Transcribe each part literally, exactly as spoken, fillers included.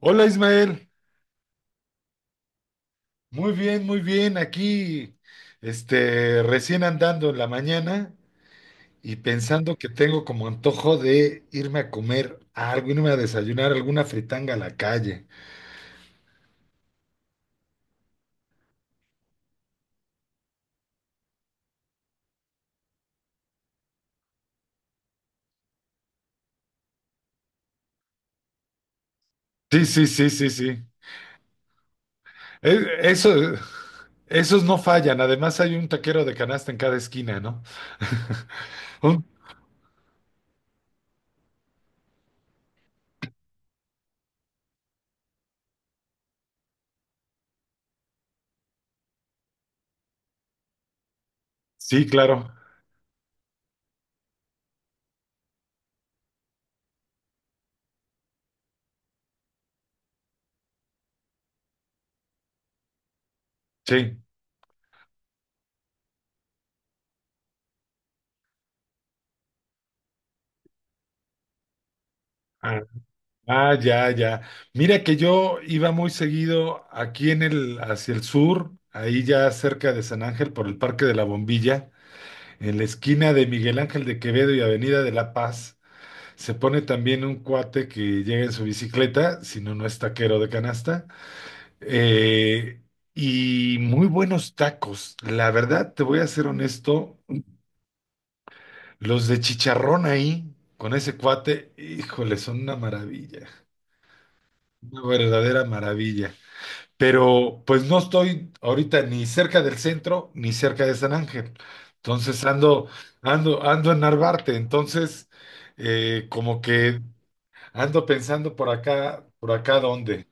Hola, Ismael. Muy bien, muy bien. Aquí, este, recién andando en la mañana y pensando que tengo como antojo de irme a comer algo, irme a desayunar alguna fritanga a la calle. Sí, sí, sí, sí, sí. E- eso, Esos no fallan. Además hay un taquero de canasta en cada esquina, ¿no? Un- sí, claro. Sí. Ah. Ah, ya, ya. Mira que yo iba muy seguido aquí en el, hacia el sur, ahí ya cerca de San Ángel por el Parque de la Bombilla, en la esquina de Miguel Ángel de Quevedo y Avenida de La Paz. Se pone también un cuate que llega en su bicicleta, si no, no es taquero de canasta, eh, y muy buenos tacos. La verdad, te voy a ser honesto, los de chicharrón ahí, con ese cuate, híjole, son una maravilla, una verdadera maravilla. Pero pues no estoy ahorita ni cerca del centro ni cerca de San Ángel. Entonces ando, ando, ando en Narvarte. Entonces, eh, como que ando pensando por acá, por acá dónde.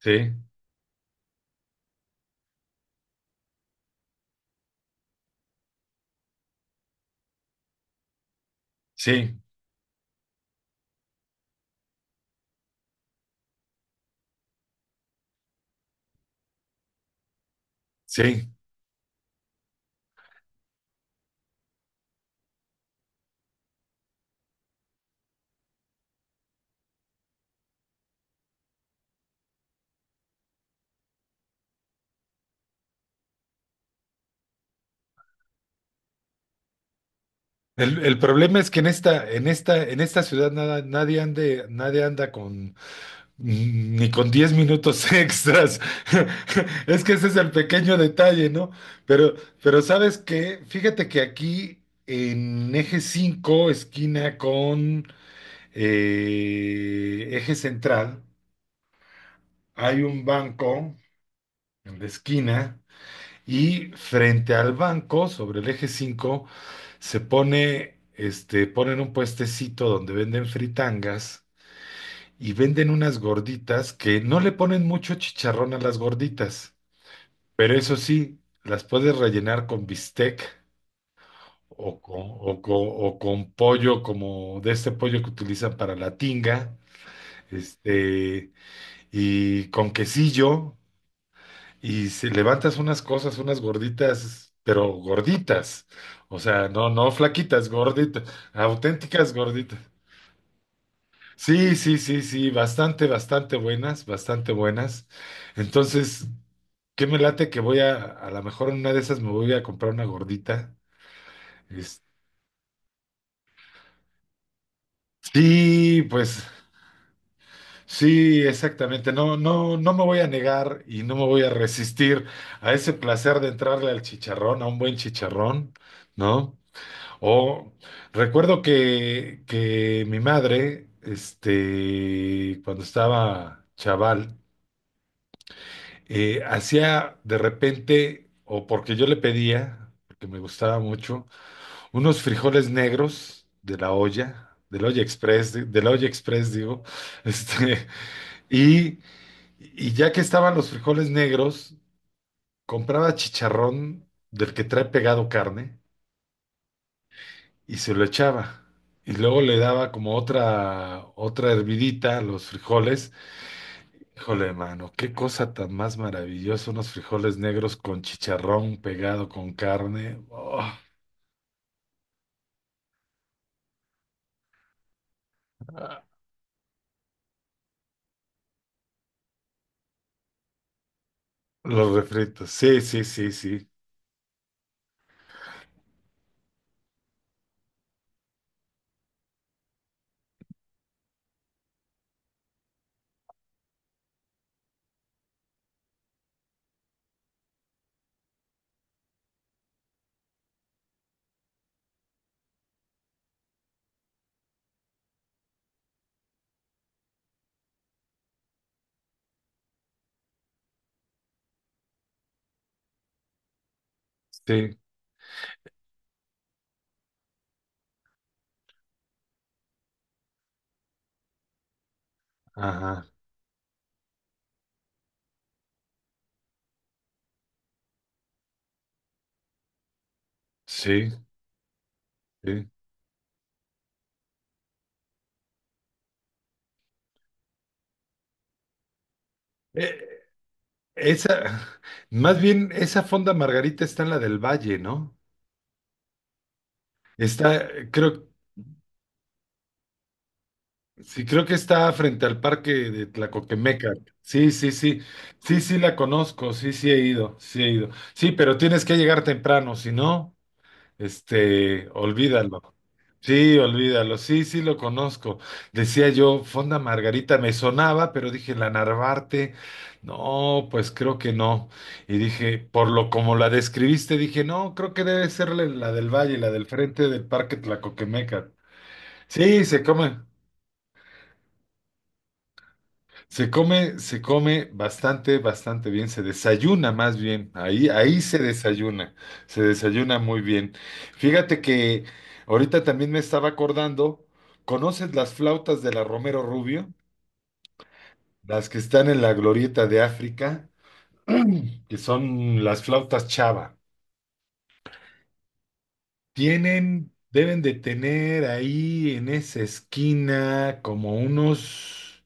Sí, sí, sí. El, el problema es que en esta, en esta, en esta ciudad nada, nadie ande, nadie anda con Ni con diez minutos extras. Es que ese es el pequeño detalle, ¿no? Pero, pero ¿sabes qué? Fíjate que aquí en Eje cinco esquina con eh, Eje Central, hay un banco en la esquina, y frente al banco, sobre el Eje cinco se pone, este, ponen un puestecito donde venden fritangas y venden unas gorditas que no le ponen mucho chicharrón a las gorditas. Pero eso sí, las puedes rellenar con bistec o con, o con, o con pollo, como de este pollo que utilizan para la tinga, este, y con quesillo. Y se levantas unas cosas, unas gorditas, pero gorditas, o sea, no, no flaquitas, gorditas, auténticas gorditas. Sí, sí, sí, sí, bastante, bastante buenas, bastante buenas. Entonces, ¿qué me late que voy a, a lo mejor en una de esas me voy a comprar una gordita? Es- sí, pues sí, exactamente. No, no, no me voy a negar y no me voy a resistir a ese placer de entrarle al chicharrón, a un buen chicharrón, ¿no? O recuerdo que, que mi madre, este, cuando estaba chaval, eh, hacía de repente, o porque yo le pedía, porque me gustaba mucho, unos frijoles negros de la olla, del olla express, de, de la olla express, digo, este, y, y ya que estaban los frijoles negros, compraba chicharrón del que trae pegado carne y se lo echaba. Y luego le daba como otra, otra hervidita a los frijoles. Híjole, mano, qué cosa tan más maravillosa, unos frijoles negros con chicharrón pegado con carne. Oh, ah, los refritos. Sí, sí, sí, sí. Sí, ajá. Sí, sí. Eh, esa, Más bien, esa Fonda Margarita está en la Del Valle, ¿no? Está, creo, sí, creo que está frente al parque de Tlacoquemeca. Sí, sí, sí. Sí, sí, la conozco, sí, sí he ido, sí he ido. Sí, pero tienes que llegar temprano, si no. Este, olvídalo. Sí, olvídalo. Sí, sí lo conozco. Decía yo, Fonda Margarita me sonaba, pero dije la Narvarte. No, pues creo que no. Y dije, por lo como la describiste, dije, no, creo que debe ser la la Del Valle, la del frente del Parque Tlacoquemeca. Sí, se come. Se come, se come bastante, bastante bien, se desayuna más bien, ahí, ahí se desayuna, se desayuna muy bien. Fíjate que ahorita también me estaba acordando, ¿conoces las flautas de la Romero Rubio? Las que están en la glorieta de África, que son las flautas Chava. Tienen, deben de tener ahí en esa esquina como unos,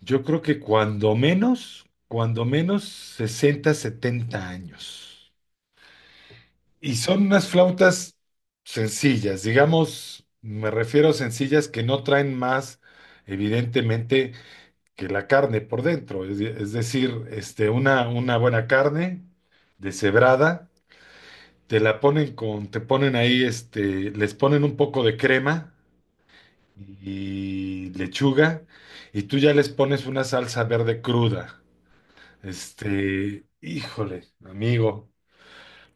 yo creo que cuando menos, cuando menos sesenta, setenta años. Y son unas flautas sencillas, digamos, me refiero a sencillas que no traen más, evidentemente, que la carne por dentro. Es, de- es decir, este, una, una buena carne deshebrada, te la ponen con, te ponen ahí, este, les ponen un poco de crema y lechuga, y tú ya les pones una salsa verde cruda. Este, híjole, amigo,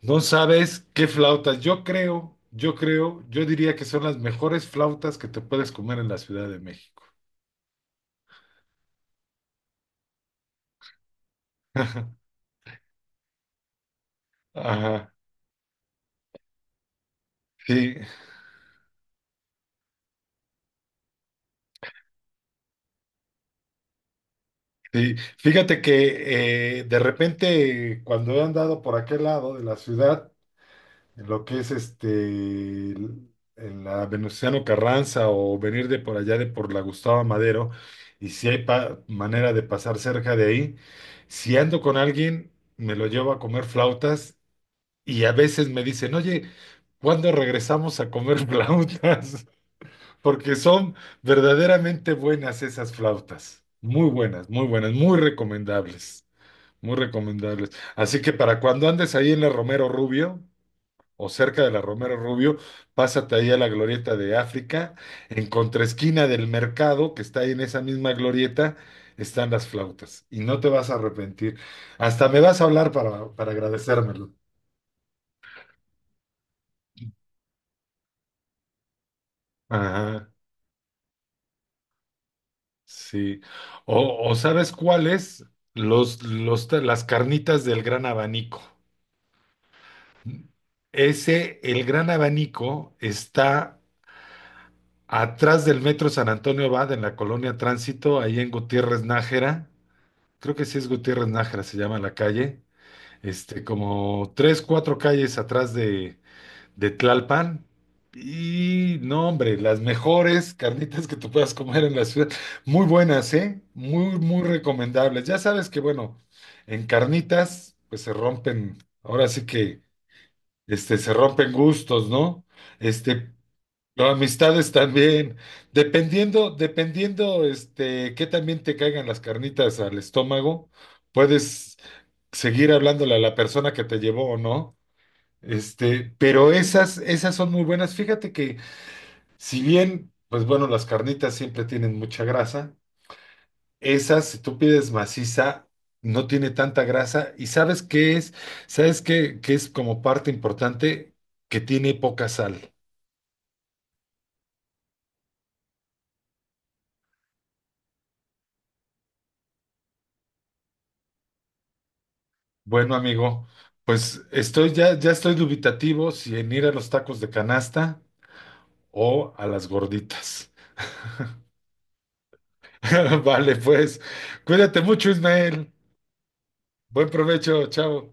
no sabes qué flautas. Yo creo, yo creo, yo diría que son las mejores flautas que te puedes comer en la Ciudad de México. Ajá, sí, sí. Fíjate que eh, de repente cuando he andado por aquel lado de la ciudad, en lo que es este, el- en la Venustiano Carranza, o venir de por allá de por la Gustavo Madero, y si hay pa- manera de pasar cerca de ahí, si ando con alguien, me lo llevo a comer flautas, y a veces me dicen, oye, ¿cuándo regresamos a comer flautas? Porque son verdaderamente buenas esas flautas, muy buenas, muy buenas, muy recomendables. Muy recomendables. Así que para cuando andes ahí en la Romero Rubio, o cerca de la Romero Rubio, pásate ahí a la glorieta de África, en contraesquina del mercado, que está ahí en esa misma glorieta, están las flautas, y no te vas a arrepentir. Hasta me vas a hablar para, para agradecérmelo. Ajá, sí. O, o ¿sabes cuáles? Los, los, las carnitas del Gran Abanico. Ese, el Gran Abanico está atrás del Metro San Antonio Abad, en la colonia Tránsito, ahí en Gutiérrez Nájera. Creo que sí es Gutiérrez Nájera, se llama la calle, este, como tres, cuatro calles atrás de, de Tlalpan. Y no, hombre, las mejores carnitas que tú puedas comer en la ciudad, muy buenas, ¿eh? Muy, muy recomendables. Ya sabes que, bueno, en carnitas pues se rompen, ahora sí que, este, se rompen gustos, ¿no? Este, pero amistades también, dependiendo, dependiendo, este, que también te caigan las carnitas al estómago, puedes seguir hablándole a la persona que te llevó o no. Este, pero esas, esas son muy buenas. Fíjate que si bien, pues bueno, las carnitas siempre tienen mucha grasa, esas, si tú pides maciza, no tiene tanta grasa. ¿Y sabes qué es? ¿Sabes qué, qué, es como parte importante? Que tiene poca sal. Bueno, amigo, pues estoy ya, ya estoy dubitativo si en ir a los tacos de canasta o a las gorditas. Vale, pues, cuídate mucho, Ismael. Buen provecho, chao.